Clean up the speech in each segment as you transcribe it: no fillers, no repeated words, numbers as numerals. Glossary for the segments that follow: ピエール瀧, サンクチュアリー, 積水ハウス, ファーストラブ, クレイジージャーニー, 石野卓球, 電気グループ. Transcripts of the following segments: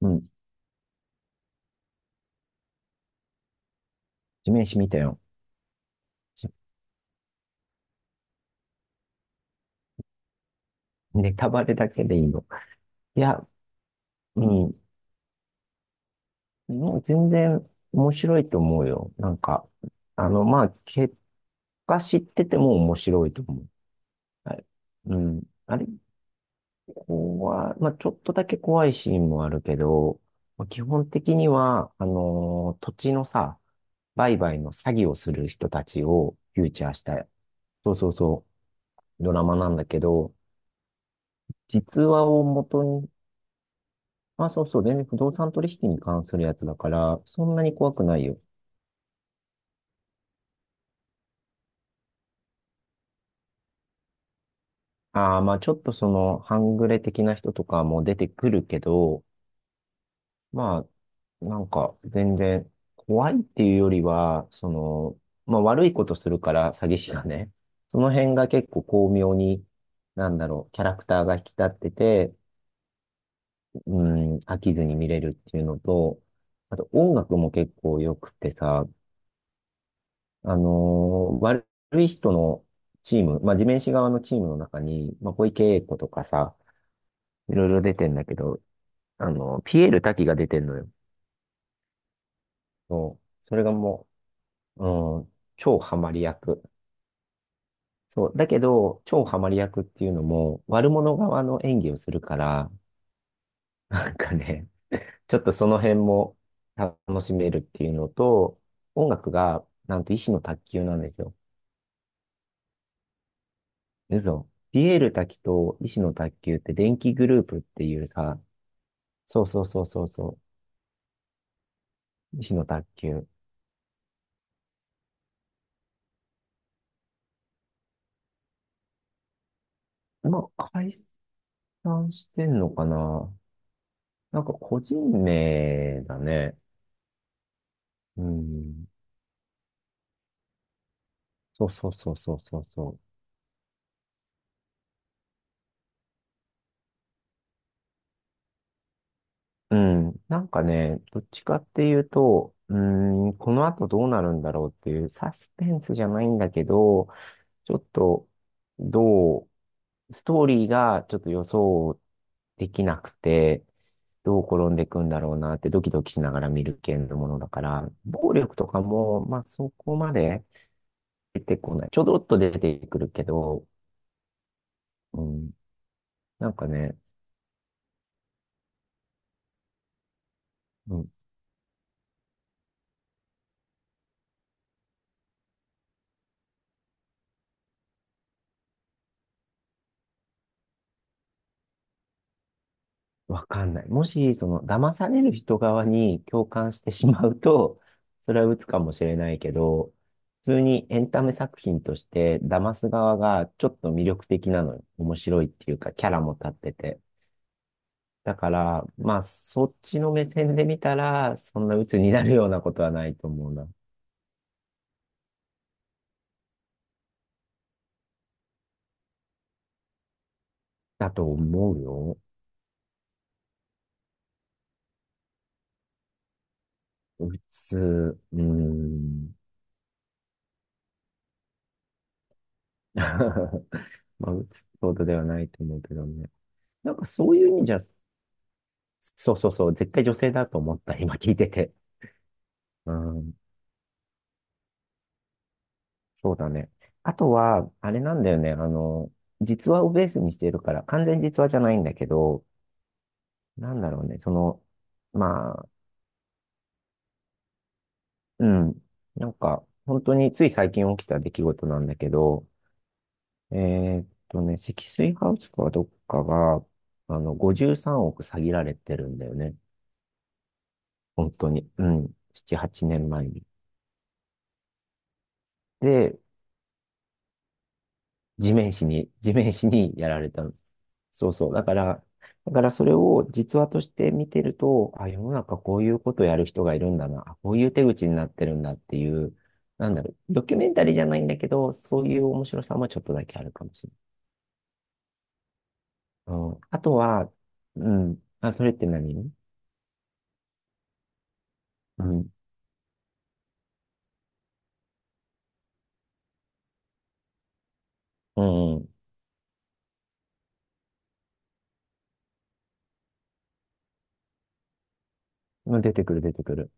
うん。地面師見たよ。じネタバレだけでいいの？いや、うん。もう全然面白いと思うよ。結果知ってても面白いと思う。はい。うん。あれ、怖い。まあ、ちょっとだけ怖いシーンもあるけど、まあ基本的には、土地のさ、売買の詐欺をする人たちをフューチャーした、そうそうそう、ドラマなんだけど、実話を元まあ、そうそう。全然不動産取引に関するやつだから、そんなに怖くないよ。ああ、まあちょっとその、半グレ的な人とかも出てくるけど、まあ、なんか全然怖いっていうよりは、その、まあ悪いことするから詐欺師がね、その辺が結構巧妙に、なんだろう、キャラクターが引き立ってて、うん、飽きずに見れるっていうのと、あと音楽も結構良くてさ、悪い人のチーム、まあ、地面師側のチームの中に、まあ、小池栄子とかさ、いろいろ出てんだけど、あの、ピエール瀧が出てんのよ。そう。それがもう、うん、超ハマり役。そう。だけど、超ハマり役っていうのも、悪者側の演技をするから、なんかね、ちょっとその辺も楽しめるっていうのと、音楽が、なんと、医師の卓球なんですよ。嘘。ピエール瀧と石野卓球って電気グループっていうさ、そうそうそうそうそう、石野卓球。まあ、解散してんのかな。なんか個人名だね。うん。そうそうそうそうそうそう。うん。なんかね、どっちかっていうと、うーん、この後どうなるんだろうっていうサスペンスじゃないんだけど、ちょっとどうストーリーがちょっと予想できなくて、どう転んでいくんだろうなってドキドキしながら見る系のものだから、暴力とかも、まあそこまで出てこない。ちょどっと出てくるけど、うん、なんかね、うん、わかんない。もし、その、騙される人側に共感してしまうと、それは鬱かもしれないけど、普通にエンタメ作品として、騙す側がちょっと魅力的なのよ。面白いっていうか、キャラも立ってて。だから、まあ、そっちの目線で見たら、そんな鬱になるようなことはないと思うな。だと思うよ。鬱、うーん。まあ、鬱ってことではないと思うけどね。なんかそういう意味じゃ、そうそうそう、絶対女性だと思った、今聞いてて。うん、そうだね。あとは、あれなんだよね、あの、実話をベースにしてるから、完全に実話じゃないんだけど、なんだろうね、その、まうん。なんか、本当につい最近起きた出来事なんだけど、えね、積水ハウスかどっかが、あの、53億詐欺られてるんだよね。本当に。うん。7、8年前に。で、地面師に、地面師にやられたの。そうそう。だから、だからそれを実話として見てると、あ、世の中こういうことやる人がいるんだな。あこういう手口になってるんだっていう、なんだろう、ドキュメンタリーじゃないんだけど、そういう面白さもちょっとだけあるかもしれない。うん、あとは、うん。あ、それって何うん。うん。うん出てくる、出てくる。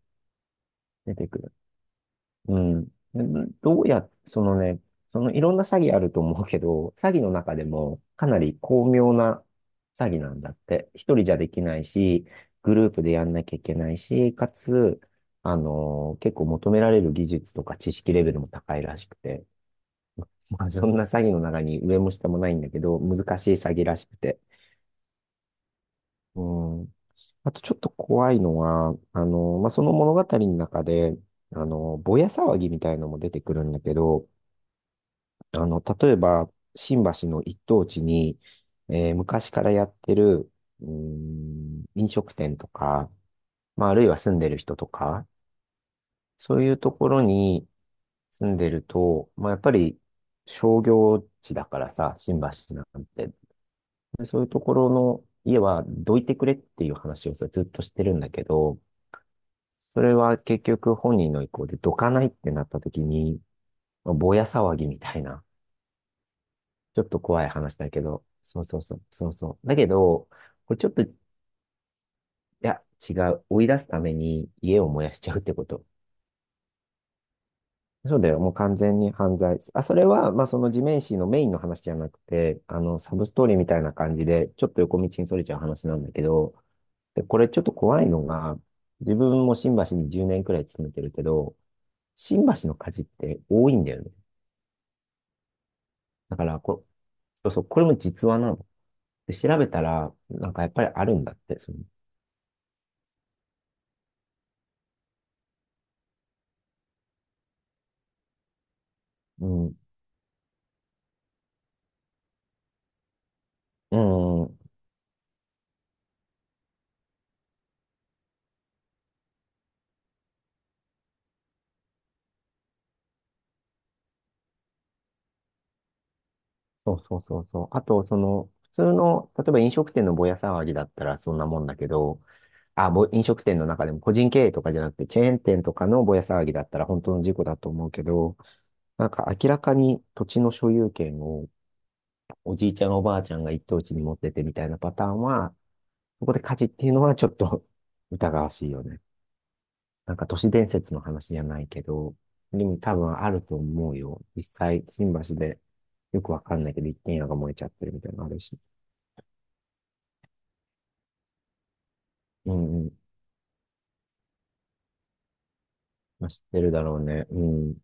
出てくる。うん。うんどうや、そのね、そのいろんな詐欺あると思うけど、詐欺の中でもかなり巧妙な詐欺なんだって。一人じゃできないし、グループでやんなきゃいけないし、かつ、結構求められる技術とか知識レベルも高いらしくて、まあ、そんな詐欺の中に上も下もないんだけど、難しい詐欺らしくて。うん。あとちょっと怖いのは、あの、まあ、その物語の中で、あの、ぼや騒ぎみたいのも出てくるんだけど、あの、例えば、新橋の一等地に、昔からやってる、うーん、飲食店とか、まあ、あるいは住んでる人とか、そういうところに住んでると、まあ、やっぱり商業地だからさ、新橋なんて、でそういうところの家はどいてくれっていう話をさ、ずっとしてるんだけど、それは結局本人の意向でどかないってなった時に、まあぼや騒ぎみたいな、ちょっと怖い話だけど、そうそうそう、そうそう。だけど、これちょっと、いや、違う。追い出すために家を燃やしちゃうってこと。そうだよ。もう完全に犯罪。あ、それは、まあ、その地面師のメインの話じゃなくて、あの、サブストーリーみたいな感じで、ちょっと横道にそれちゃう話なんだけど、で、これちょっと怖いのが、自分も新橋に10年くらい勤めてるけど、新橋の火事って多いんだよね。だからこ、そうそう、これも実話なの。で、調べたら、なんかやっぱりあるんだって、その、うん、うん、そうそうそうそう。あと、その、普通の、例えば飲食店のぼや騒ぎだったらそんなもんだけど、飲食店の中でも個人経営とかじゃなくて、チェーン店とかのぼや騒ぎだったら本当の事故だと思うけど、なんか明らかに土地の所有権をおじいちゃんおばあちゃんが一等地に持っててみたいなパターンは、そこで火事っていうのはちょっと 疑わしいよね。なんか都市伝説の話じゃないけど、でも多分あると思うよ。実際、新橋でよくわかんないけど、一軒家が燃えちゃってるみたいなのあるし。うんうん。まあ、知ってるだろうね。うん。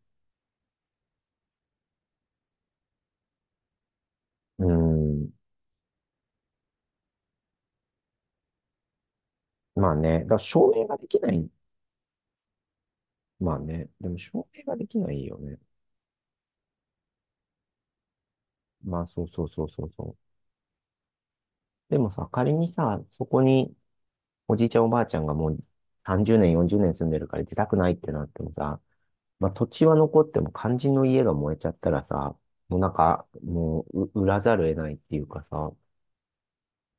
うん。まあね。だから証明ができない。まあね。でも証明ができないよね。まあそうそうそうそうそう。でもさ、仮にさ、そこにおじいちゃんおばあちゃんがもう30年、40年住んでるから出たくないってなってもさ、まあ、土地は残っても肝心の家が燃えちゃったらさ、もうなんか、もう、う売らざるを得ないっていうかさ、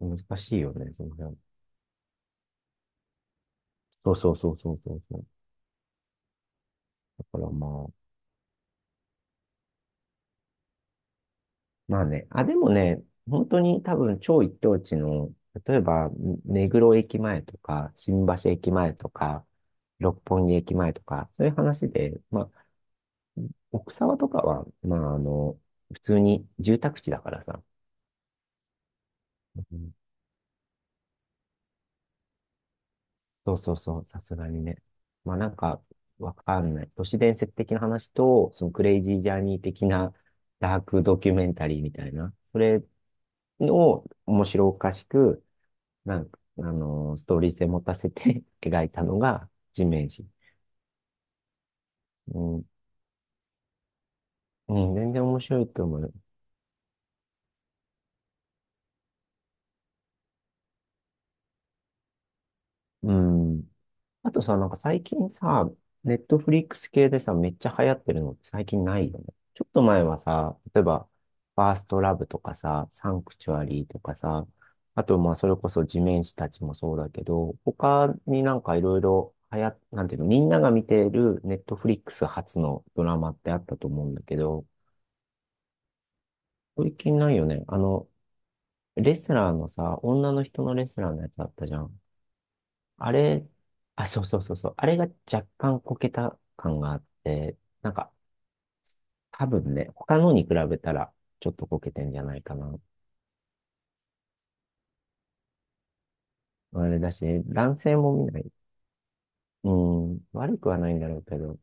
難しいよね、その辺。そうそうそうそうそうそう。だからまあ、まあね、あ、でもね、本当に多分超一等地の、例えば、目黒駅前とか、新橋駅前とか、六本木駅前とか、そういう話で、まあ、奥沢とかは、まあ、あの、普通に住宅地だからさ。うん、そうそうそう、さすがにね。まあ、なんか、わかんない。都市伝説的な話と、そのクレイジージャーニー的なダークドキュメンタリーみたいな、それを面白おかしく、なんか、あの、ストーリー性持たせて 描いたのが地面師。うん、うん、全然面白いと思う。うん。あとさ、なんか最近さ、ネットフリックス系でさ、めっちゃ流行ってるのって最近ないよね。ちょっと前はさ、例えば、ファーストラブとかさ、サンクチュアリーとかさ、あとまあそれこそ地面師たちもそうだけど、他になんかいろいろ流行っ、なんていうの、みんなが見ているネットフリックス初のドラマってあったと思うんだけど、最近ないよね。あの、レスラーのさ、女の人のレスラーのやつあったじゃん。あれ、あ、そうそうそうそう。あれが若干こけた感があって、なんか多分ね、他のに比べたらちょっとこけてんじゃないかな。あれだし、男性も見ない。うん、悪くはないんだろうけど、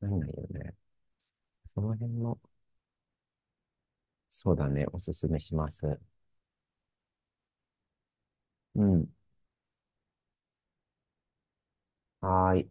なんないよね。その辺も、そうだね、おすすめします。うん。はーい。